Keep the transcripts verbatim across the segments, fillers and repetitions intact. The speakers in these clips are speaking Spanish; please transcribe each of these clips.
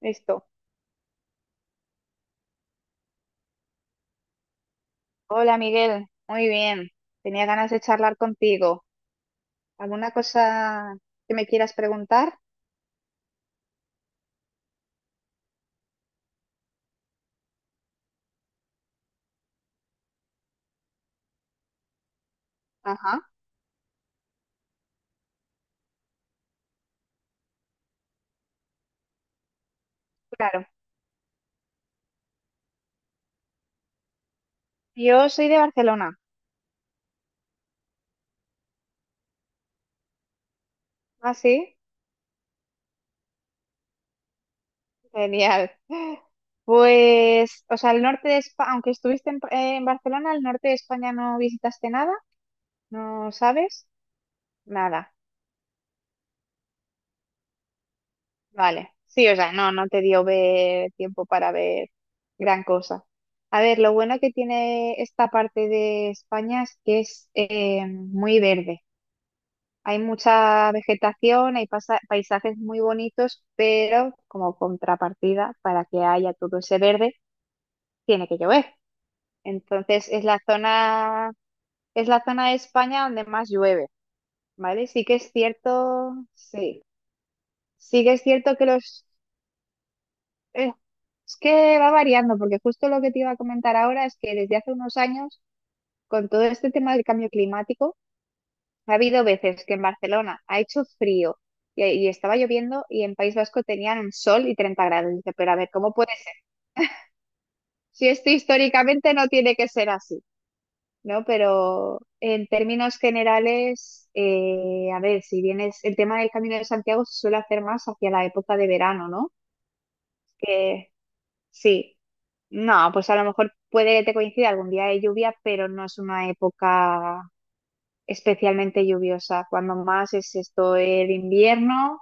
Listo. Hola Miguel, muy bien. Tenía ganas de charlar contigo. ¿Alguna cosa que me quieras preguntar? Ajá, claro. Yo soy de Barcelona. ¿Ah, sí? Genial. Pues, o sea, el norte de España, aunque estuviste en, en Barcelona, el norte de España no visitaste nada, ¿no sabes? Nada. Vale. Sí, o sea, no, no te dio ver- tiempo para ver gran cosa. A ver, lo bueno que tiene esta parte de España es que es eh, muy verde. Hay mucha vegetación, hay pasa- paisajes muy bonitos, pero como contrapartida, para que haya todo ese verde, tiene que llover. Entonces, es la zona, es la zona de España donde más llueve, ¿vale? Sí que es cierto, sí, sí que es cierto que los, eh, es que va variando, porque justo lo que te iba a comentar ahora es que desde hace unos años, con todo este tema del cambio climático, ha habido veces que en Barcelona ha hecho frío y, y estaba lloviendo y en País Vasco tenían un sol y treinta grados. Y dice, pero a ver, ¿cómo puede ser? Si esto históricamente no tiene que ser así, ¿no? Pero en términos generales, eh, a ver, si bien es el tema del Camino de Santiago se suele hacer más hacia la época de verano, ¿no? Que sí. No, pues a lo mejor puede que te coincida algún día de lluvia, pero no es una época especialmente lluviosa. Cuando más es esto el invierno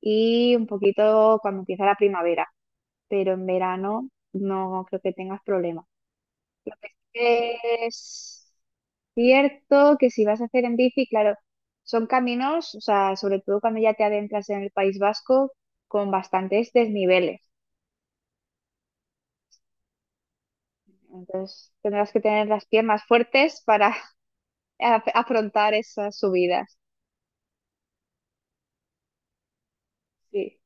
y un poquito cuando empieza la primavera, pero en verano no creo que tengas problemas. Lo que sí que es cierto que si vas a hacer en bici, claro, son caminos, o sea, sobre todo cuando ya te adentras en el País Vasco, con bastantes desniveles. Entonces tendrás que tener las piernas fuertes para af- afrontar esas subidas. Sí.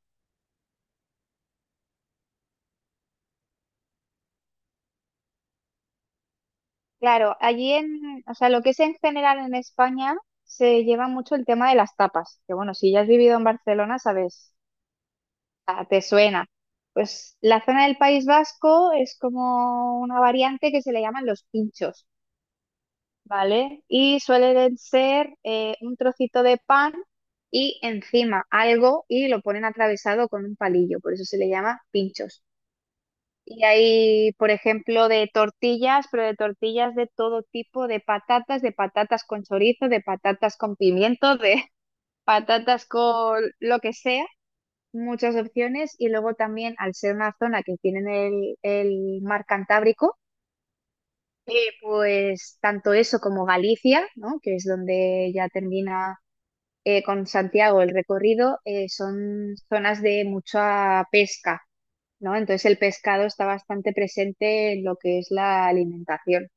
Claro, allí en, o sea, lo que es en general en España se lleva mucho el tema de las tapas, que bueno, si ya has vivido en Barcelona, sabes, ah, te suena. Pues la zona del País Vasco es como una variante que se le llaman los pinchos, ¿vale? Y suelen ser eh, un trocito de pan y encima algo y lo ponen atravesado con un palillo, por eso se le llama pinchos. Y hay, por ejemplo, de tortillas, pero de tortillas de todo tipo, de patatas, de patatas con chorizo, de patatas con pimiento, de patatas con lo que sea, muchas opciones. Y luego también, al ser una zona que tienen el, el mar Cantábrico, eh, pues tanto eso como Galicia, ¿no? Que es donde ya termina, eh, con Santiago el recorrido, eh, son zonas de mucha pesca. ¿No? Entonces el pescado está bastante presente en lo que es la alimentación.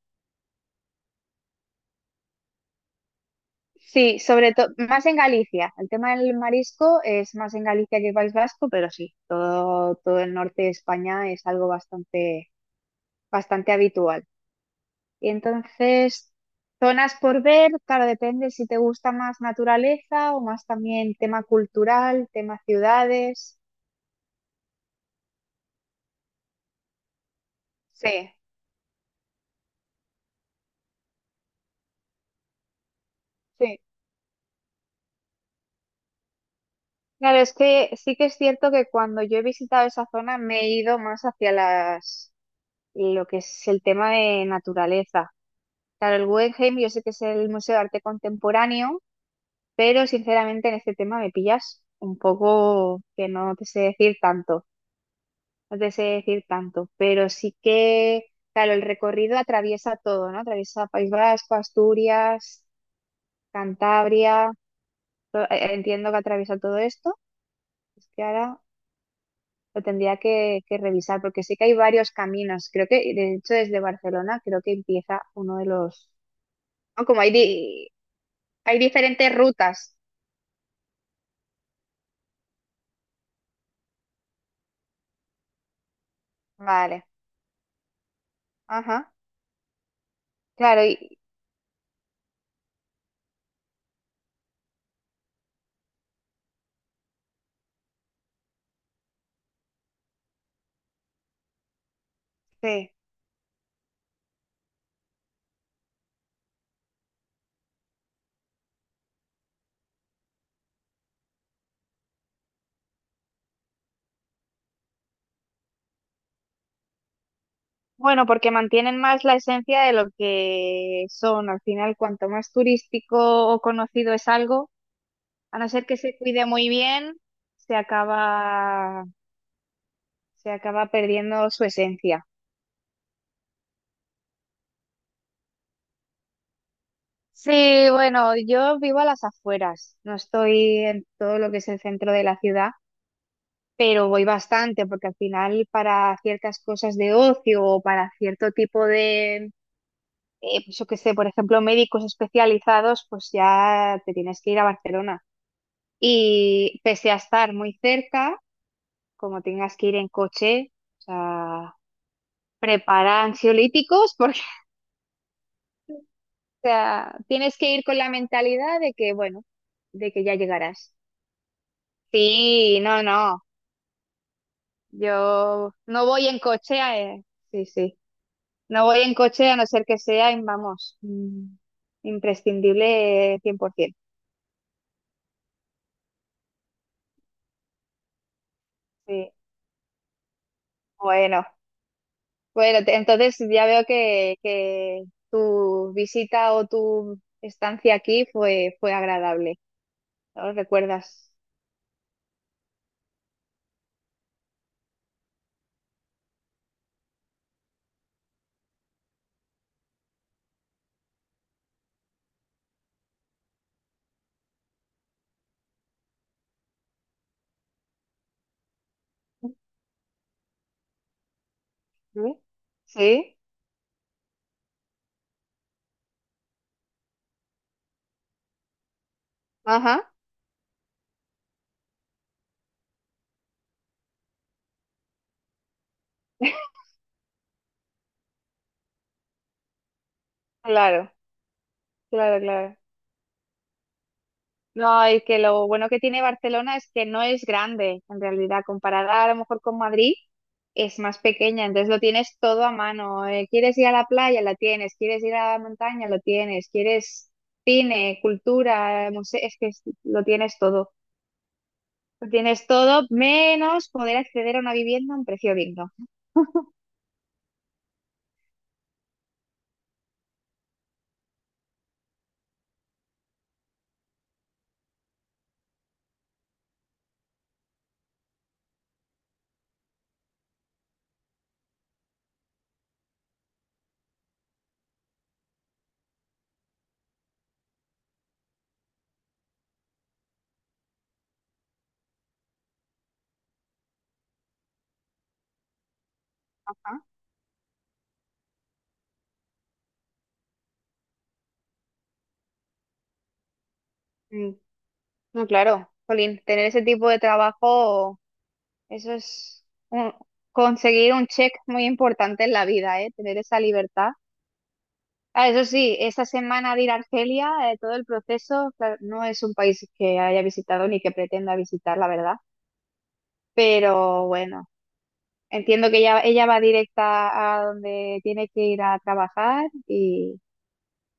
Sí, sobre todo, más en Galicia. El tema del marisco es más en Galicia que País Vasco, pero sí, todo, todo el norte de España es algo bastante, bastante habitual. Y entonces, zonas por ver, claro, depende si te gusta más naturaleza o más también tema cultural, tema ciudades. Sí, sí. Claro, es que sí que es cierto que cuando yo he visitado esa zona me he ido más hacia las, lo que es el tema de naturaleza. Claro, el Guggenheim yo sé que es el Museo de Arte Contemporáneo, pero sinceramente en este tema me pillas un poco que no te sé decir tanto, no te sé decir tanto, pero sí que, claro, el recorrido atraviesa todo, ¿no? Atraviesa País Vasco, Asturias, Cantabria, to- eh, eh, entiendo que atraviesa todo esto, es que ahora lo tendría que, que revisar, porque sí que hay varios caminos, creo que, de hecho, desde Barcelona creo que empieza uno de los. Ah, como hay, di- hay diferentes rutas. Vale, ajá, claro, y sí. Bueno, porque mantienen más la esencia de lo que son. Al final, cuanto más turístico o conocido es algo, a no ser que se cuide muy bien, se acaba, se acaba perdiendo su esencia. Sí, bueno, yo vivo a las afueras, no estoy en todo lo que es el centro de la ciudad, pero voy bastante porque al final para ciertas cosas de ocio o para cierto tipo de, eh, pues yo qué sé, por ejemplo, médicos especializados, pues ya te tienes que ir a Barcelona. Y pese a estar muy cerca, como tengas que ir en coche, o sea, prepara ansiolíticos porque o sea, tienes que ir con la mentalidad de que, bueno, de que ya llegarás. Sí, no, no, yo no voy en coche, eh, sí, sí. No voy en coche a no ser que sea, en- vamos, mm, imprescindible eh, cien por ciento. Sí. Bueno, bueno, te- entonces ya veo que, que tu visita o tu estancia aquí fue, fue agradable. ¿No recuerdas? ¿Sí? ¿Sí? Ajá. Claro, claro, claro. No, y que lo bueno que tiene Barcelona es que no es grande, en realidad, comparada a lo mejor con Madrid, es más pequeña, entonces lo tienes todo a mano. Eh, ¿quieres ir a la playa? La tienes. ¿Quieres ir a la montaña? Lo tienes. ¿Quieres cine, cultura, museo? Es que es- lo tienes todo. Lo tienes todo, menos poder acceder a una vivienda a un precio digno. Ah, mm, No, claro, jolín, tener ese tipo de trabajo, eso es un- conseguir un check muy importante en la vida, ¿eh? Tener esa libertad. Ah, eso sí, esta semana de ir a Argelia, eh, todo el proceso, claro, no es un país que haya visitado ni que pretenda visitar, la verdad. Pero bueno, entiendo que ella, ella va directa a donde tiene que ir a trabajar y,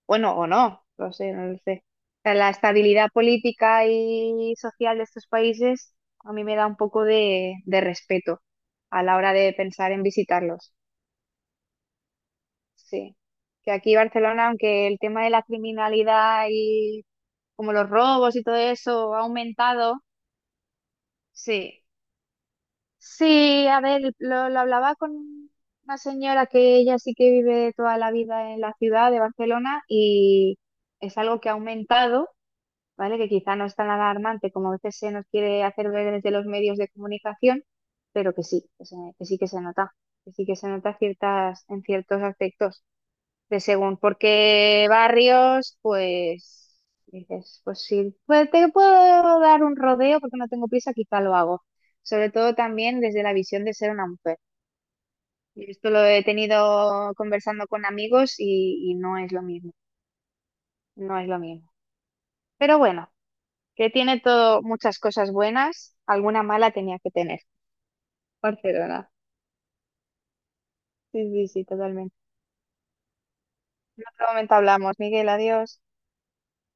bueno, o no, no sé, no lo sé. O sea, la estabilidad política y social de estos países a mí me da un poco de, de respeto a la hora de pensar en visitarlos. Sí que aquí Barcelona, aunque el tema de la criminalidad y como los robos y todo eso ha aumentado. Sí, sí, a ver, lo, lo hablaba con una señora que ella sí que vive toda la vida en la ciudad de Barcelona y es algo que ha aumentado, ¿vale? Que quizá no es tan alarmante como a veces se nos quiere hacer ver desde los medios de comunicación, pero que sí, que, se- que sí que se nota, que sí que se nota ciertas, en ciertos aspectos de según por qué barrios, pues dices, pues sí, pues te puedo dar un rodeo porque no tengo prisa, quizá lo hago. Sobre todo también desde la visión de ser una mujer. Y esto lo he tenido conversando con amigos y, y no es lo mismo, no es lo mismo. Pero bueno, que tiene todo muchas cosas buenas, alguna mala tenía que tener. Barcelona. Sí, sí, sí, totalmente. En otro momento hablamos. Miguel, adiós.